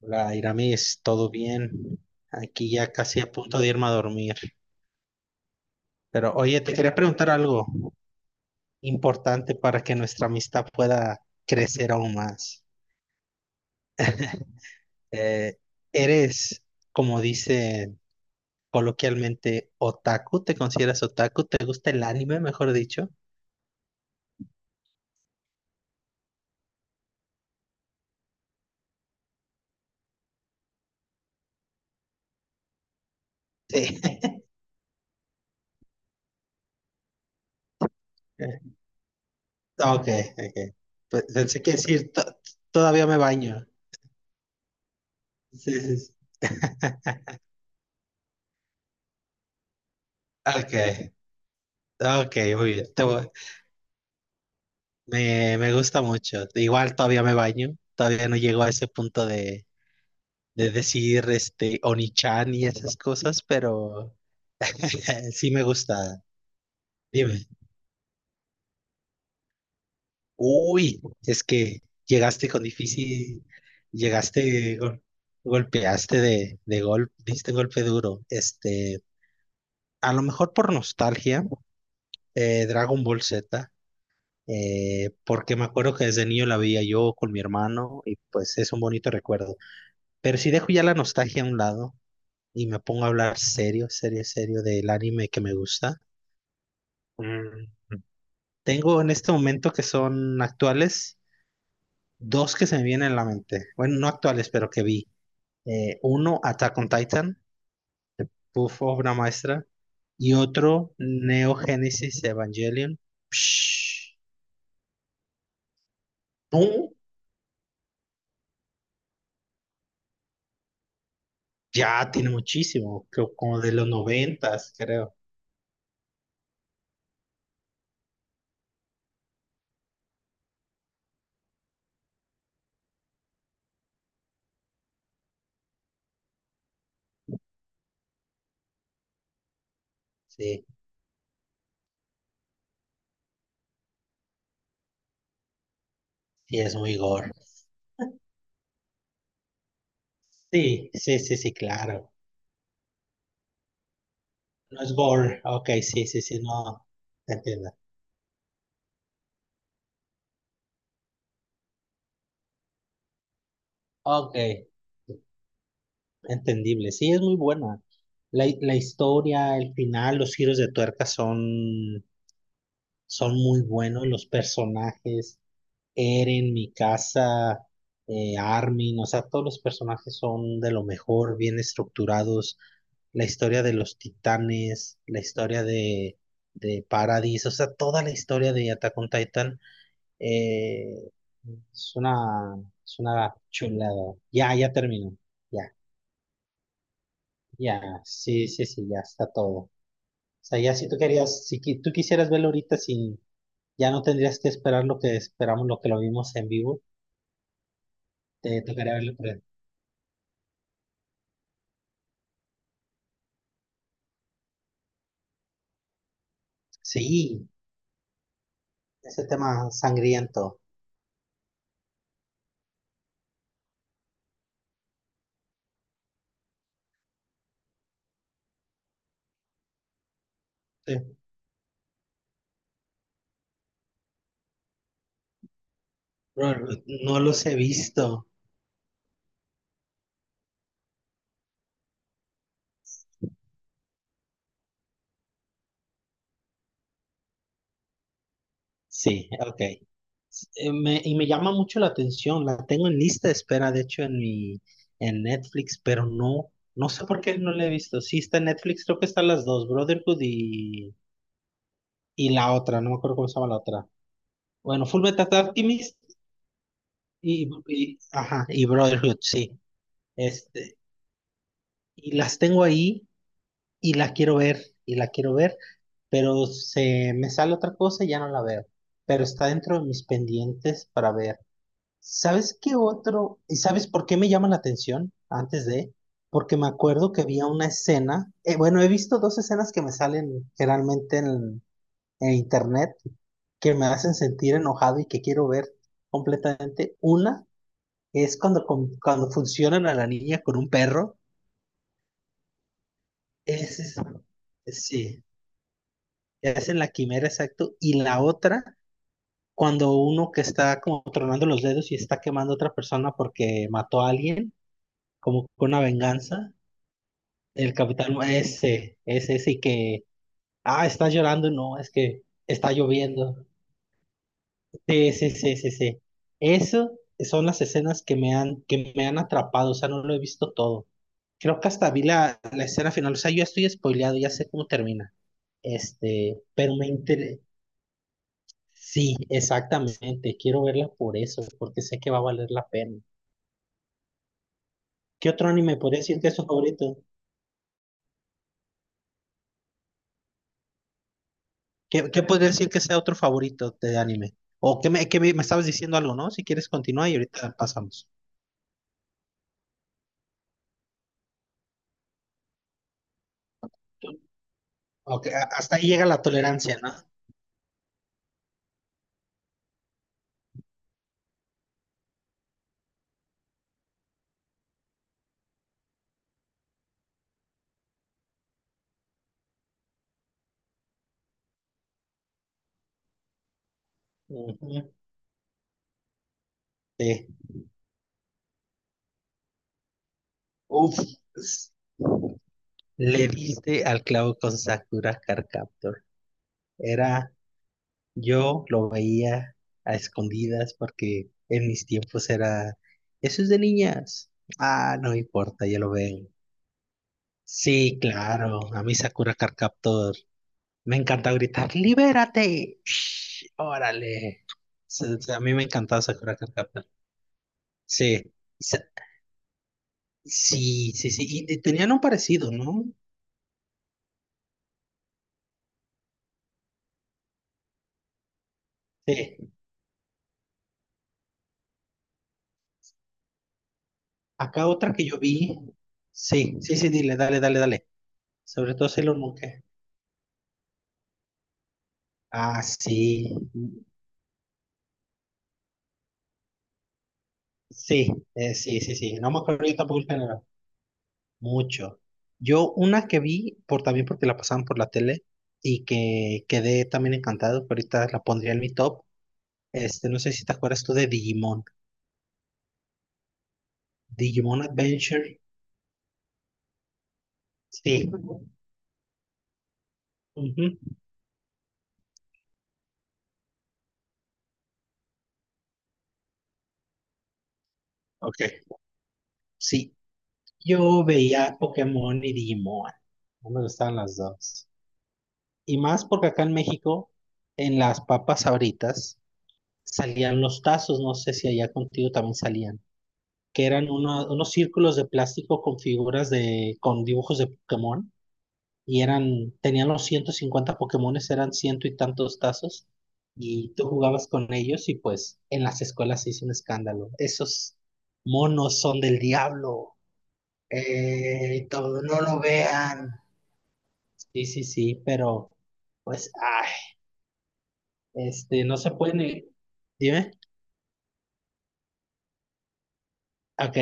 Hola Iramis, todo bien. Aquí ya casi a punto de irme a dormir. Pero oye, te quería preguntar algo importante para que nuestra amistad pueda crecer aún más. Eh, ¿eres, como dicen coloquialmente, otaku? ¿Te consideras otaku? ¿Te gusta el anime, mejor dicho? Sí. Ok, ok. Pues pensé que decir, Todavía me baño." Sí, sí, sí. Ok, ok, muy bien. Te voy. Me gusta mucho. Igual todavía me baño. Todavía no llego a ese punto de, decir este Onichan y esas cosas, pero sí me gusta. Dime. Uy, es que llegaste con difícil, llegaste, gol- golpeaste de golpe, diste golpe duro. Este, a lo mejor por nostalgia, Dragon Ball Z. Porque me acuerdo que desde niño la veía yo con mi hermano y pues es un bonito recuerdo. Pero si dejo ya la nostalgia a un lado y me pongo a hablar serio, serio, serio del anime que me gusta, mm, tengo en este momento que son actuales dos que se me vienen a la mente. Bueno, no actuales, pero que vi. Uno, Attack on Titan, uf, obra maestra. Y otro, Neo Genesis Evangelion. Psh, no, ya tiene muchísimo, creo como de los noventas, creo. Sí, sí, es muy gore. Sí, sí, sí, sí, claro. No es gore. Ok, sí, sí, sí, no. Te entiendo. Ok, entendible. Sí, es muy buena. La historia, el final, los giros de tuerca son muy buenos. Los personajes, Eren, Mikasa, Armin, o sea, todos los personajes son de lo mejor, bien estructurados. La historia de los titanes, la historia de Paradis, o sea, toda la historia de Attack on Titan. Eh, es una, es una chulada. Ya, ya terminó. Ya, ya. Sí, sí, sí, ya está todo. O sea, ya si tú querías, si qui- tú quisieras verlo ahorita, sin, ya no tendrías que esperar lo que esperamos, lo que lo vimos en vivo. Te tocaría verlo. Sí, ese tema sangriento. Sí. Bro, no los he visto. Sí, ok. Y me llama mucho la atención, la tengo en lista de espera, de hecho, en Netflix, pero no, no sé por qué no la he visto. Sí, está en Netflix, creo que están las dos, Brotherhood y la otra, no me acuerdo cómo se llama la otra. Bueno, Full Metal Alchemist y, ajá, y Brotherhood, sí. Este, y las tengo ahí y la quiero ver, y la quiero ver, pero se me sale otra cosa y ya no la veo. Pero está dentro de mis pendientes para ver. ¿Sabes qué otro? ¿Y sabes por qué me llama la atención antes de? Porque me acuerdo que había una escena, bueno, he visto dos escenas que me salen generalmente en internet que me hacen sentir enojado y que quiero ver completamente. Una es cuando, cuando funcionan a la niña con un perro. Es, es- sí, es en la quimera, exacto. Y la otra, cuando uno que está como tronando los dedos y está quemando a otra persona porque mató a alguien, como con una venganza. El capitán, ese sí que, ah, está llorando, no, es que está lloviendo. Sí, sí, sí, sí, sí. Eso son las escenas que me han atrapado, o sea, no lo he visto todo. Creo que hasta vi la escena final, o sea, yo ya estoy spoileado, ya sé cómo termina. Este, pero me interesa, sí, exactamente, quiero verla por eso, porque sé que va a valer la pena. ¿Qué otro anime podría decir que es su favorito? ¿Qué podría decir que sea otro favorito de anime? O me estabas diciendo algo, ¿no? Si quieres continúa y ahorita pasamos. Ok, hasta ahí llega la tolerancia, ¿no? Ujú. Sí. Uf, s- le diste al clavo con Sakura Card Captor. Era, yo lo veía a escondidas porque en mis tiempos era, eso es de niñas. Ah, no importa, ya lo veo. Sí, claro, a mí Sakura Card Captor me encanta gritar, ¡libérate! Shh, ¡Órale! A mí me encantaba Sakura Card Captor. Sí. Sa- Sí, sí, sí. Y tenían un parecido, ¿no? Sí. Acá otra que yo vi. Sí, sí, sí, dile, dale, dale, dale. Sobre todo Sailor Moon. ¿Qué? Ah, sí. Sí, sí, sí, sí. No me acuerdo yo tampoco el género. Mucho. Yo una que vi, también porque la pasaban por la tele y que quedé también encantado, que ahorita la pondría en mi top. Este, no sé si te acuerdas tú de Digimon. Digimon Adventure. Sí. Ujú. Ok. Sí. Yo veía Pokémon y Digimon. No me gustaban las dos. Y más porque acá en México, en las papas Sabritas, salían los tazos. No sé si allá contigo también salían. Que eran unos círculos de plástico con figuras con dibujos de Pokémon. Tenían los 150 Pokémones, eran ciento y tantos tazos, y tú jugabas con ellos y pues en las escuelas se hizo un escándalo. Esos monos son del diablo, todo, no lo vean. Sí, sí, sí, pero pues, ay, este, no se puede ni... Dime, ok,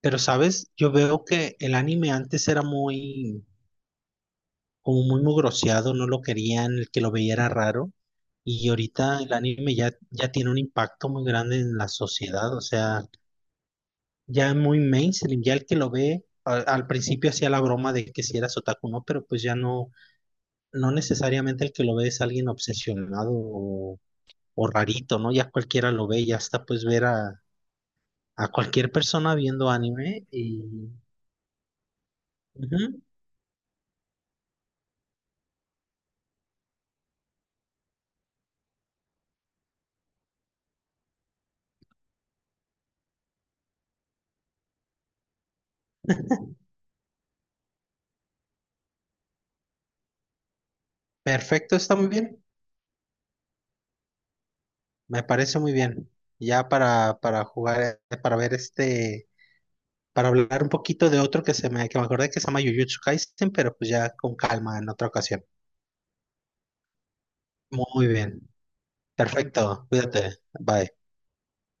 pero sabes, yo veo que el anime antes era muy como muy mugroseado, no lo querían, el que lo veía era raro. Y ahorita el anime ya, ya tiene un impacto muy grande en la sociedad, o sea, ya es muy mainstream, ya el que lo ve, al principio hacía la broma de que si eras otaku o no, pero pues ya no, no necesariamente el que lo ve es alguien obsesionado o rarito, ¿no? Ya cualquiera lo ve, ya hasta pues ver a cualquier persona viendo anime y... Ujú. Perfecto, está muy bien. Me parece muy bien. Ya para, jugar, para ver este, para hablar un poquito de otro que me acordé que se llama Jujutsu Kaisen, pero pues ya con calma en otra ocasión. Muy bien. Perfecto. Cuídate. Bye.